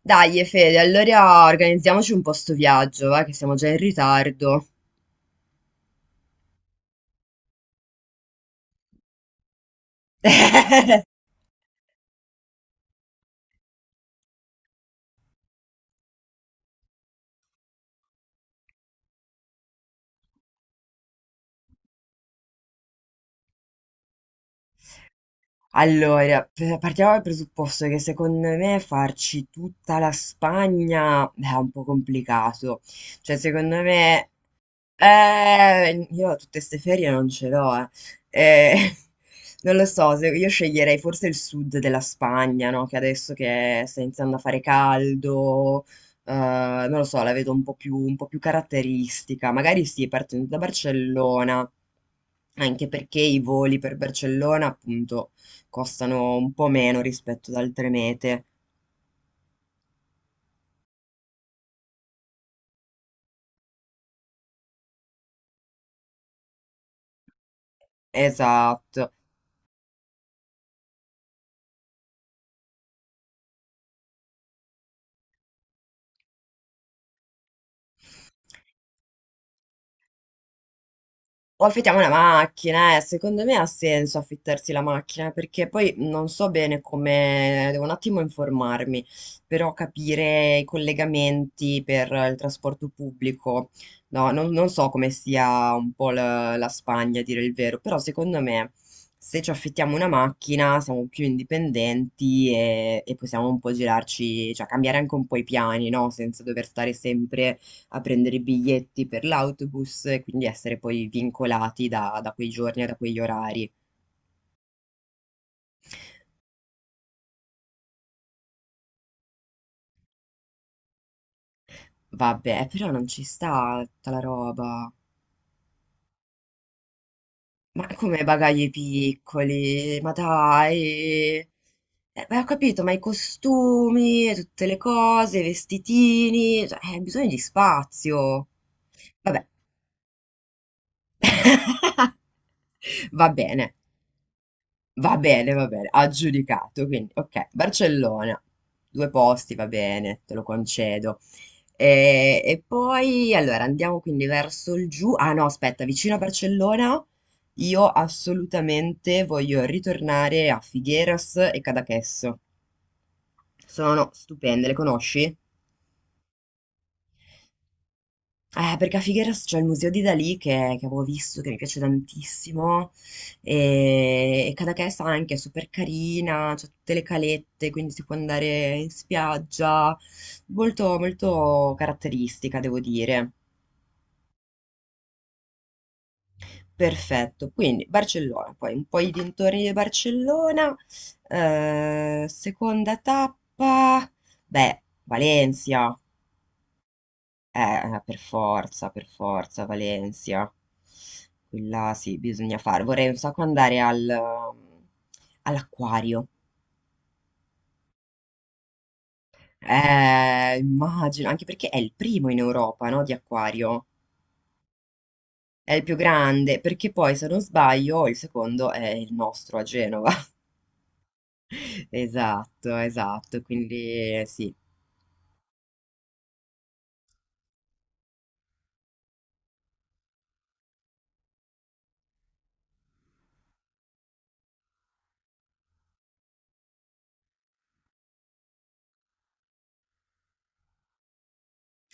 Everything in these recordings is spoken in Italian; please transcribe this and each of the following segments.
Dai, Fede, allora organizziamoci un po' sto viaggio, va, che siamo già in ritardo. Allora, partiamo dal presupposto che secondo me farci tutta la Spagna è un po' complicato. Cioè, secondo me. Io tutte ste ferie non ce l'ho, eh. Eh, Non lo so, io sceglierei forse il sud della Spagna, no? Che adesso che sta iniziando a fare caldo, non lo so, la vedo un po' più caratteristica. Magari sì, partendo da Barcellona, anche perché i voli per Barcellona, appunto, costano un po' meno rispetto ad altre mete. Esatto. O affittiamo una macchina, eh. Secondo me ha senso affittarsi la macchina perché poi non so bene come, devo un attimo informarmi, però capire i collegamenti per il trasporto pubblico, no, non so come sia un po' la Spagna, a dire il vero, però secondo me se ci affittiamo una macchina siamo più indipendenti e possiamo un po' girarci, cioè cambiare anche un po' i piani, no? Senza dover stare sempre a prendere i biglietti per l'autobus e quindi essere poi vincolati da quei giorni e da quegli orari. Vabbè, però non ci sta tutta la roba. Ma come bagagli piccoli? Ma dai! Beh, ho capito, ma i costumi, e tutte le cose, i vestitini, cioè, bisogna di spazio. Vabbè. Va bene. Va bene, va bene, aggiudicato. Quindi, ok, Barcellona, due posti, va bene, te lo concedo. E poi, allora, andiamo quindi verso il giù. Ah no, aspetta, vicino a Barcellona io assolutamente voglio ritornare a Figueras e Cadaqués. Sono stupende, le conosci? Perché a Figueras c'è il museo di Dalì che avevo visto, che mi piace tantissimo, e Cadaqués anche è super carina, c'è tutte le calette, quindi si può andare in spiaggia, molto, molto caratteristica, devo dire. Perfetto, quindi Barcellona, poi un po' i dintorni di Barcellona, seconda tappa, beh, Valencia. Per forza, per forza, Valencia. Quella sì, bisogna fare. Vorrei un sacco andare all'acquario. Immagino, anche perché è il primo in Europa, no, di acquario. È il più grande, perché poi, se non sbaglio, il secondo è il nostro a Genova. Esatto, esatto, quindi sì.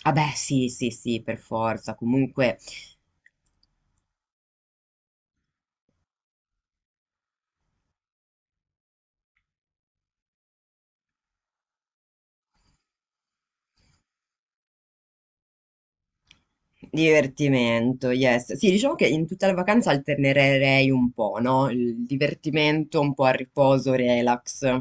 Vabbè, sì, sì, sì, per forza. Comunque. Divertimento, yes. Sì, diciamo che in tutta la vacanza alternerei un po', no? Il divertimento un po' a riposo, relax.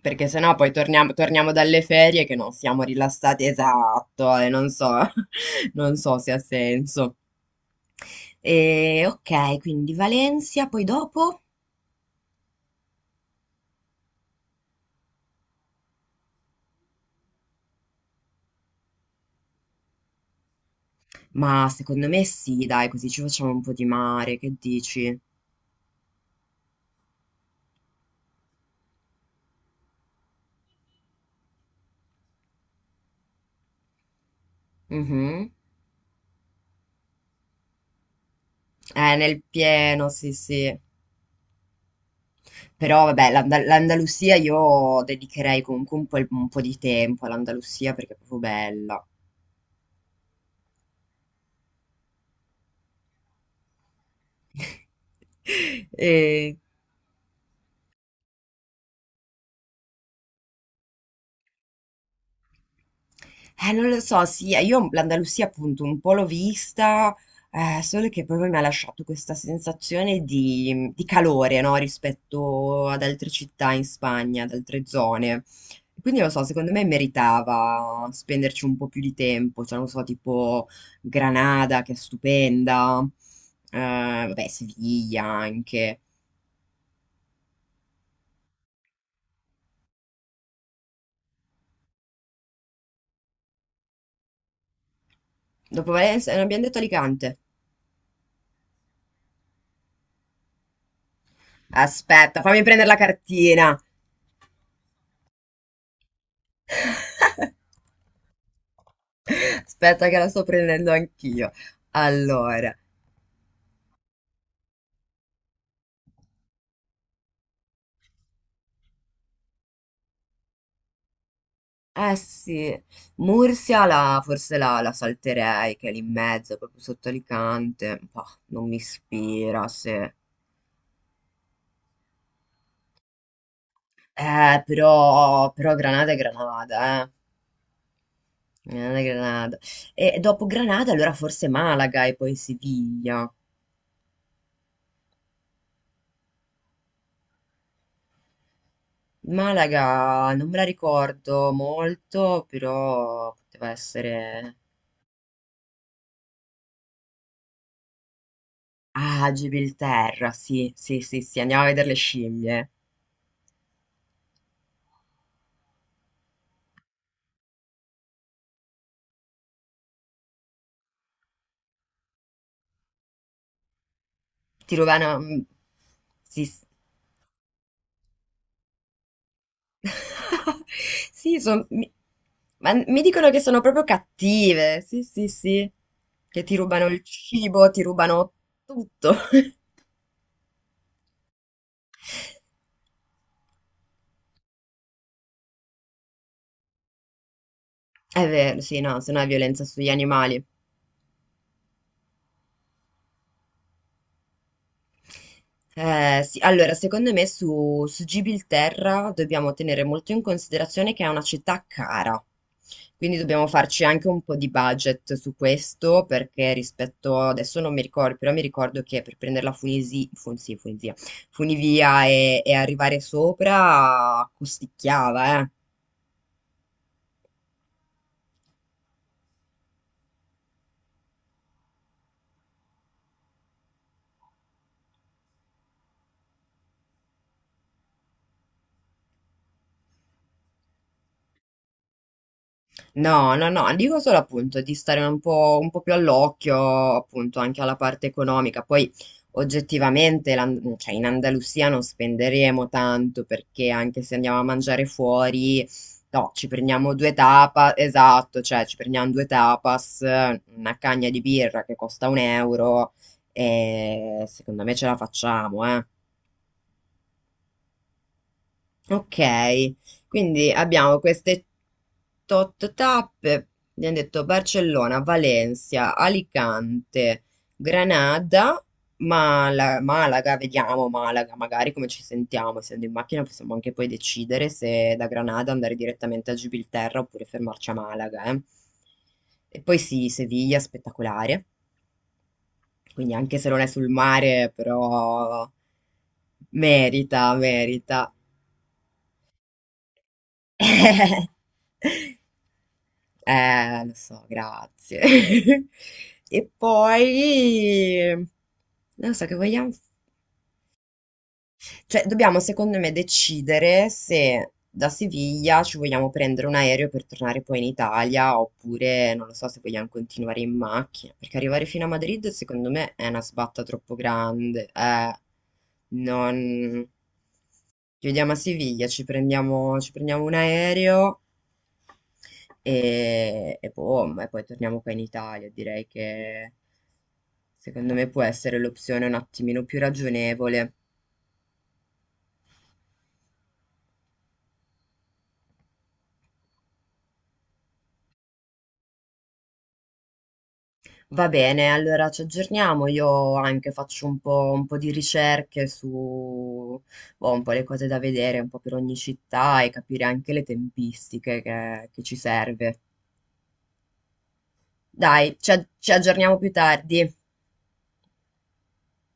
Perché sennò poi torniamo dalle ferie che non siamo rilassati, esatto, e non so, non so se ha senso. E, ok, quindi Valencia, poi dopo? Ma secondo me sì, dai, così ci facciamo un po' di mare, che dici? Mhm. Nel pieno, sì, sì. Però vabbè, l'Andalusia io dedicherei comunque un po', un po' di tempo all'Andalusia perché è proprio bella. E non lo so, sì, io l'Andalusia appunto un po' l'ho vista, solo che proprio mi ha lasciato questa sensazione di calore, no, rispetto ad altre città in Spagna, ad altre zone. Quindi non lo so, secondo me meritava spenderci un po' più di tempo, cioè non so, tipo Granada, che è stupenda, vabbè, Siviglia anche. Dopo Valencia, non abbiamo detto Alicante. Aspetta, fammi prendere la cartina. Aspetta che la sto prendendo anch'io. Allora, eh sì, Mursia forse la salterei, che è lì in mezzo, proprio sotto Alicante. Bah, non mi ispira. Se... però Granada è Granada, eh. Granada è Granada. E dopo Granada, allora forse Malaga e poi Siviglia. Malaga non me la ricordo molto, però poteva essere. Ah, Gibilterra, sì, sì, sì, sì, andiamo a vedere le scimmie. Tirovana, sì, sì, ma mi dicono che sono proprio cattive, sì, sì, sì, che ti rubano il cibo, ti rubano tutto. È vero, sì, no, se no è violenza sugli animali. Sì, allora, secondo me su Gibilterra dobbiamo tenere molto in considerazione che è una città cara, quindi dobbiamo farci anche un po' di budget su questo, perché rispetto, adesso non mi ricordo, però mi ricordo che per prendere la sì, Funivia e arrivare sopra costicchiava, eh. No, no, no, dico solo appunto di stare un po' più all'occhio appunto anche alla parte economica. Poi oggettivamente cioè, in Andalusia non spenderemo tanto perché anche se andiamo a mangiare fuori, no, ci prendiamo due tapas, esatto, cioè ci prendiamo due tapas, una cagna di birra che costa 1 euro e secondo me ce la facciamo, eh. Ok, quindi abbiamo queste tot tappe, abbiamo detto Barcellona, Valencia, Alicante, Granada, Malaga, vediamo Malaga, magari come ci sentiamo, essendo in macchina possiamo anche poi decidere se da Granada andare direttamente a Gibilterra oppure fermarci a Malaga, eh. E poi sì, Siviglia, spettacolare, quindi anche se non è sul mare, però merita, merita. Lo so, grazie. E poi, non so che vogliamo cioè, dobbiamo secondo me decidere se da Siviglia ci vogliamo prendere un aereo per tornare poi in Italia oppure non lo so se vogliamo continuare in macchina, perché arrivare fino a Madrid secondo me è una sbatta troppo grande. Non... Ci vediamo a Siviglia, ci prendiamo un aereo e boom, e poi torniamo qua in Italia. Direi che secondo me può essere l'opzione un attimino più ragionevole. Va bene, allora ci aggiorniamo. Io anche faccio un po' di ricerche su, boh, un po' le cose da vedere, un po' per ogni città e capire anche le tempistiche che ci serve. Dai, ci aggiorniamo più tardi.